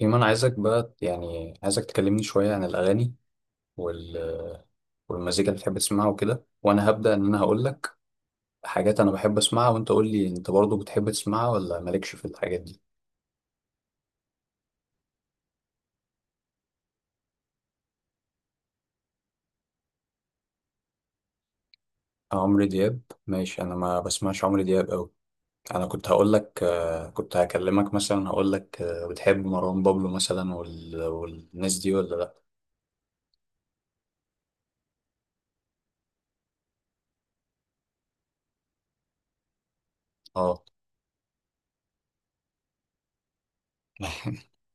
إيمان عايزك بقى يعني عايزك تكلمني شوية عن الأغاني وال والمزيكا اللي بتحب تسمعها وكده، وأنا هبدأ إن أنا هقول لك حاجات أنا بحب أسمعها، وأنت قول لي أنت برضو بتحب تسمعها ولا مالكش في الحاجات دي. عمرو دياب ماشي، أنا ما بسمعش عمرو دياب أوي. أنا كنت هقول لك كنت هكلمك مثلا، هقول لك بتحب مروان بابلو مثلا والناس دي ولا لأ؟ أه.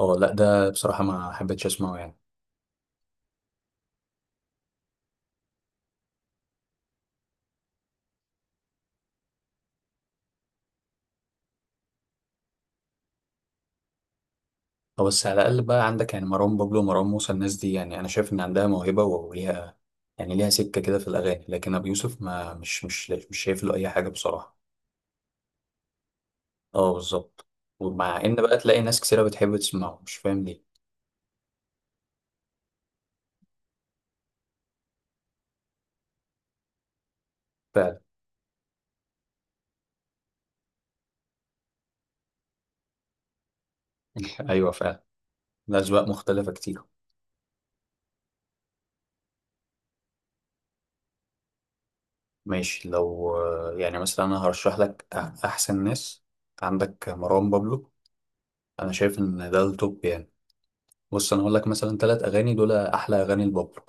أه لأ، ده بصراحة ما حبيتش أسمعه يعني. أو بس على الأقل بقى عندك يعني مروان بابلو ومروان موسى الناس دي، يعني أنا شايف إن عندها موهبة وليها، يعني ليها سكة كده في الأغاني، لكن أبو يوسف ما مش مش مش شايف له أي حاجة بصراحة. أه، بالظبط. ومع إن بقى تلاقي ناس كتيرة بتحب تسمعه، مش فاهم ليه. فعلا. أيوه، فعلا. الأذواق مختلفة كتير. ماشي، لو يعني مثلا أنا هرشح لك أحسن ناس، عندك مروان بابلو، أنا شايف إن ده التوب يعني. بص، أنا هقول لك مثلا تلات أغاني دول أحلى أغاني لبابلو.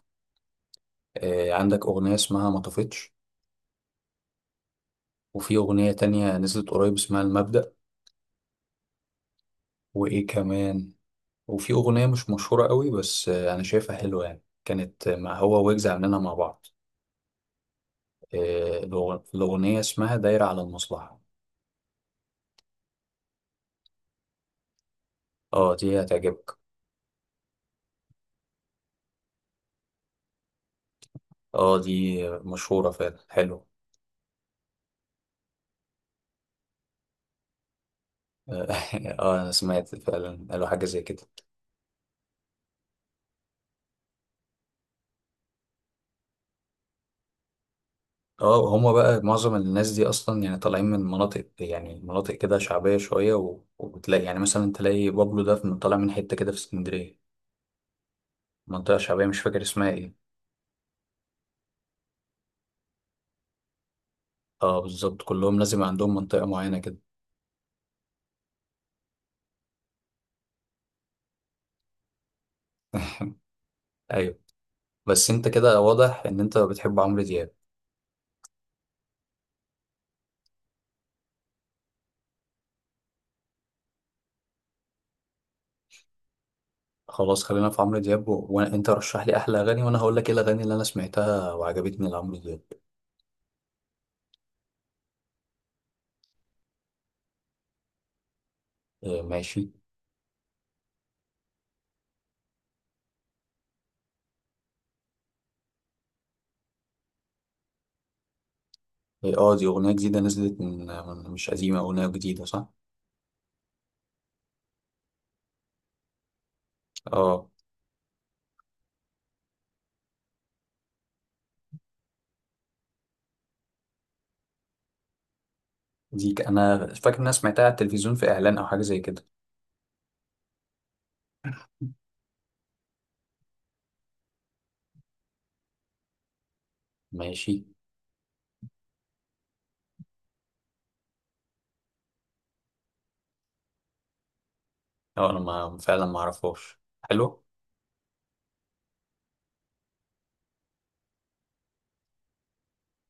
عندك أغنية اسمها ما طفتش، وفي أغنية تانية نزلت قريب اسمها المبدأ، وإيه كمان، وفي أغنية مش مشهورة قوي بس أنا شايفها حلوة، يعني كانت مع هو ويجز عاملينها مع بعض. الأغنية اسمها دايرة على المصلحة. اه، دي هتعجبك. اه، دي مشهورة فعلا، حلو. اه. أنا سمعت فعلا، قالوا حاجة زي كده. اه، هما بقى معظم الناس دي أصلا يعني طالعين من مناطق، يعني مناطق كده شعبية شوية، وبتلاقي يعني مثلا تلاقي بابلو ده طالع من حتة كده في اسكندرية، منطقة شعبية مش فاكر اسمها ايه. اه، بالظبط، كلهم لازم عندهم منطقة معينة كده. ايوه. بس انت كده واضح ان انت بتحب عمرو دياب. خلاص، خلينا في عمرو دياب وانت رشح لي احلى اغاني وانا هقول لك ايه الاغاني اللي انا سمعتها وعجبتني لعمرو دياب. آه، ماشي. اه. دي اغنية جديدة نزلت من مش قديمة، اغنية جديدة صح؟ اه، انا فاكر ان انا سمعتها على التلفزيون في اعلان او حاجة زي كده. ماشي. اه، انا ما... فعلا ما اعرفهاش. حلو.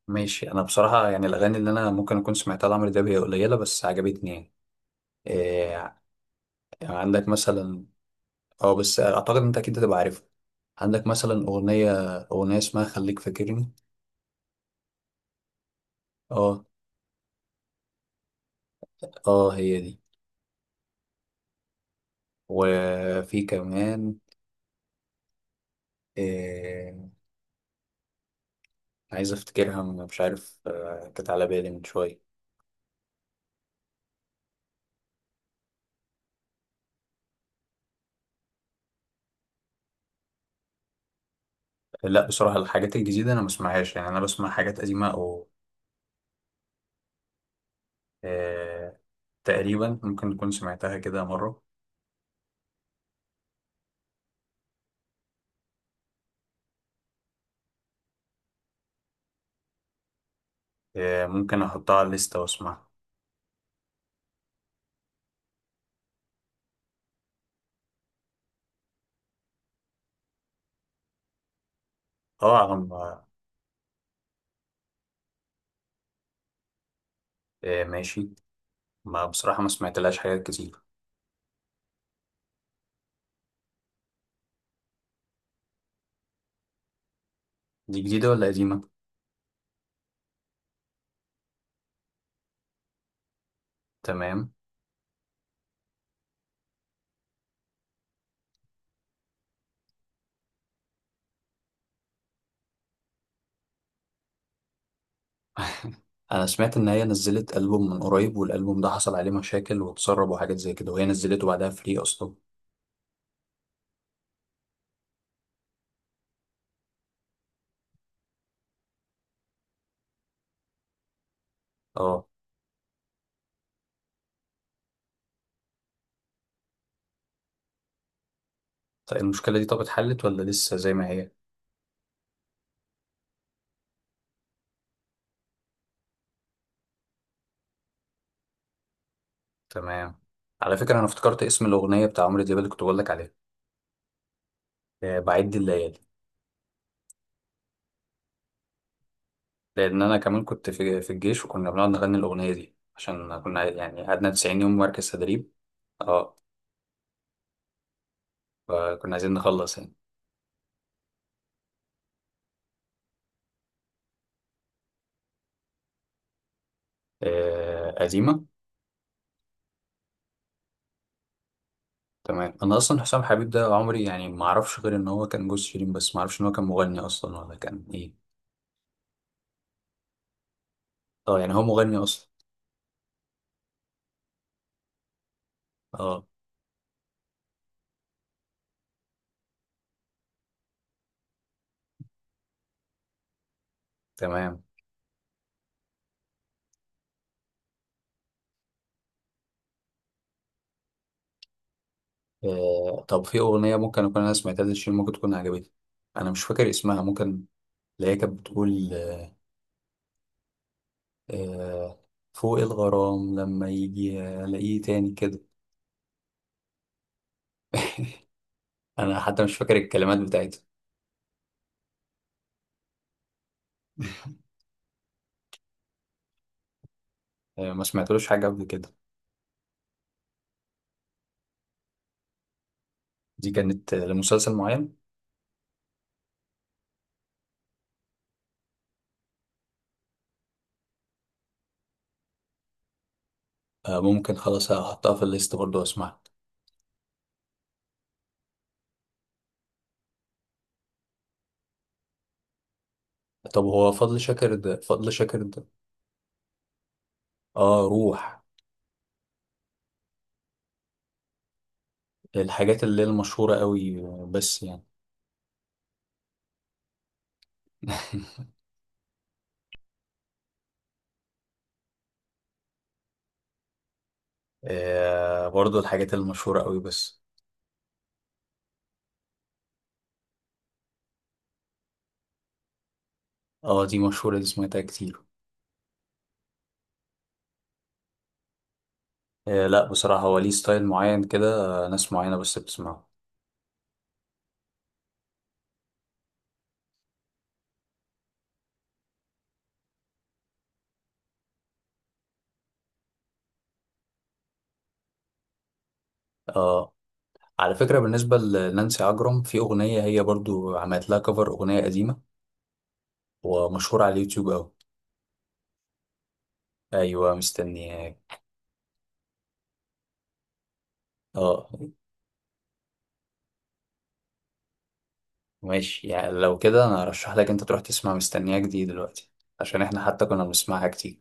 ماشي، انا بصراحة يعني الاغاني اللي انا ممكن اكون سمعتها لعمرو دياب هي قليلة بس عجبتني يعني. آه. يعني عندك مثلا، اه بس اعتقد انت اكيد هتبقى عارفها. عندك مثلا اغنية اسمها خليك فاكرني. اه، اه، هي دي. وفي كمان، إيه، عايز افتكرها مش عارف، كانت على بالي من شوية. لا بصراحة الحاجات الجديدة انا ما بسمعهاش، يعني انا بسمع حاجات قديمة او آه، تقريبا ممكن تكون سمعتها كده مرة. ممكن احطها على الليستة واسمعها. اه. على ما- آه، ماشي. ما بصراحة ما سمعتلهاش حاجات كتير. دي جديدة ولا قديمة؟ تمام. انا سمعت ان هي نزلت البوم من قريب، والالبوم ده حصل عليه مشاكل واتسرب وحاجات زي كده، وهي نزلته بعدها فري اصلا. اه. طيب، المشكله دي طب اتحلت ولا لسه زي ما هي؟ تمام. على فكره، انا افتكرت اسم الاغنيه بتاع عمرو دياب اللي كنت بقول لك عليها. بعد الليالي. لان انا كمان كنت في الجيش، وكنا بنقعد نغني الاغنيه دي عشان كنا يعني قعدنا 90 يوم مركز تدريب. اه، فكنا عايزين نخلص يعني. آه، قديمه. تمام. انا اصلا حسام حبيب ده عمري يعني ما اعرفش غير ان هو كان جوز شيرين، بس ما اعرفش ان هو كان مغني اصلا ولا كان ايه. اه، يعني هو مغني اصلا. اه. تمام. آه، طب في اغنيه ممكن اكون انا سمعتها لشيرين ممكن تكون عجبتني، انا مش فاكر اسمها، ممكن اللي هي كانت بتقول آه، آه، فوق الغرام لما يجي الاقيه تاني كده. انا حتى مش فاكر الكلمات بتاعتها. آه، ما سمعتلوش حاجه قبل كده. دي كانت لمسلسل معين. آه، ممكن خلاص هحطها في الليست برضه واسمعها. طب هو فضل شاكر ده فضل شاكر ده. اه، روح. الحاجات اللي هي المشهورة قوي بس يعني. آه برضو الحاجات المشهورة قوي بس. اه، دي مشهورة، دي سمعتها كتير. آه لا، بصراحة هو ليه ستايل معين كده، ناس معينة بس بتسمعه. اه، على فكرة بالنسبة لنانسي عجرم في أغنية هي برضو عملت لها كفر أغنية قديمة ومشهورة على اليوتيوب أوي. أيوة، مستنياك. اه، ماشي، يعني لو كده أنا أرشح لك أنت تروح تسمع مستنياك دي دلوقتي عشان إحنا حتى كنا بنسمعها كتير.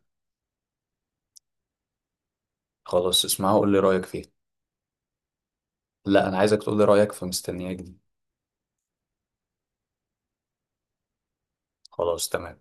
خلاص، اسمعها وقول لي رأيك فيها. لا، انا عايزك تقول لي رايك في مستنياك دي. خلاص تمام.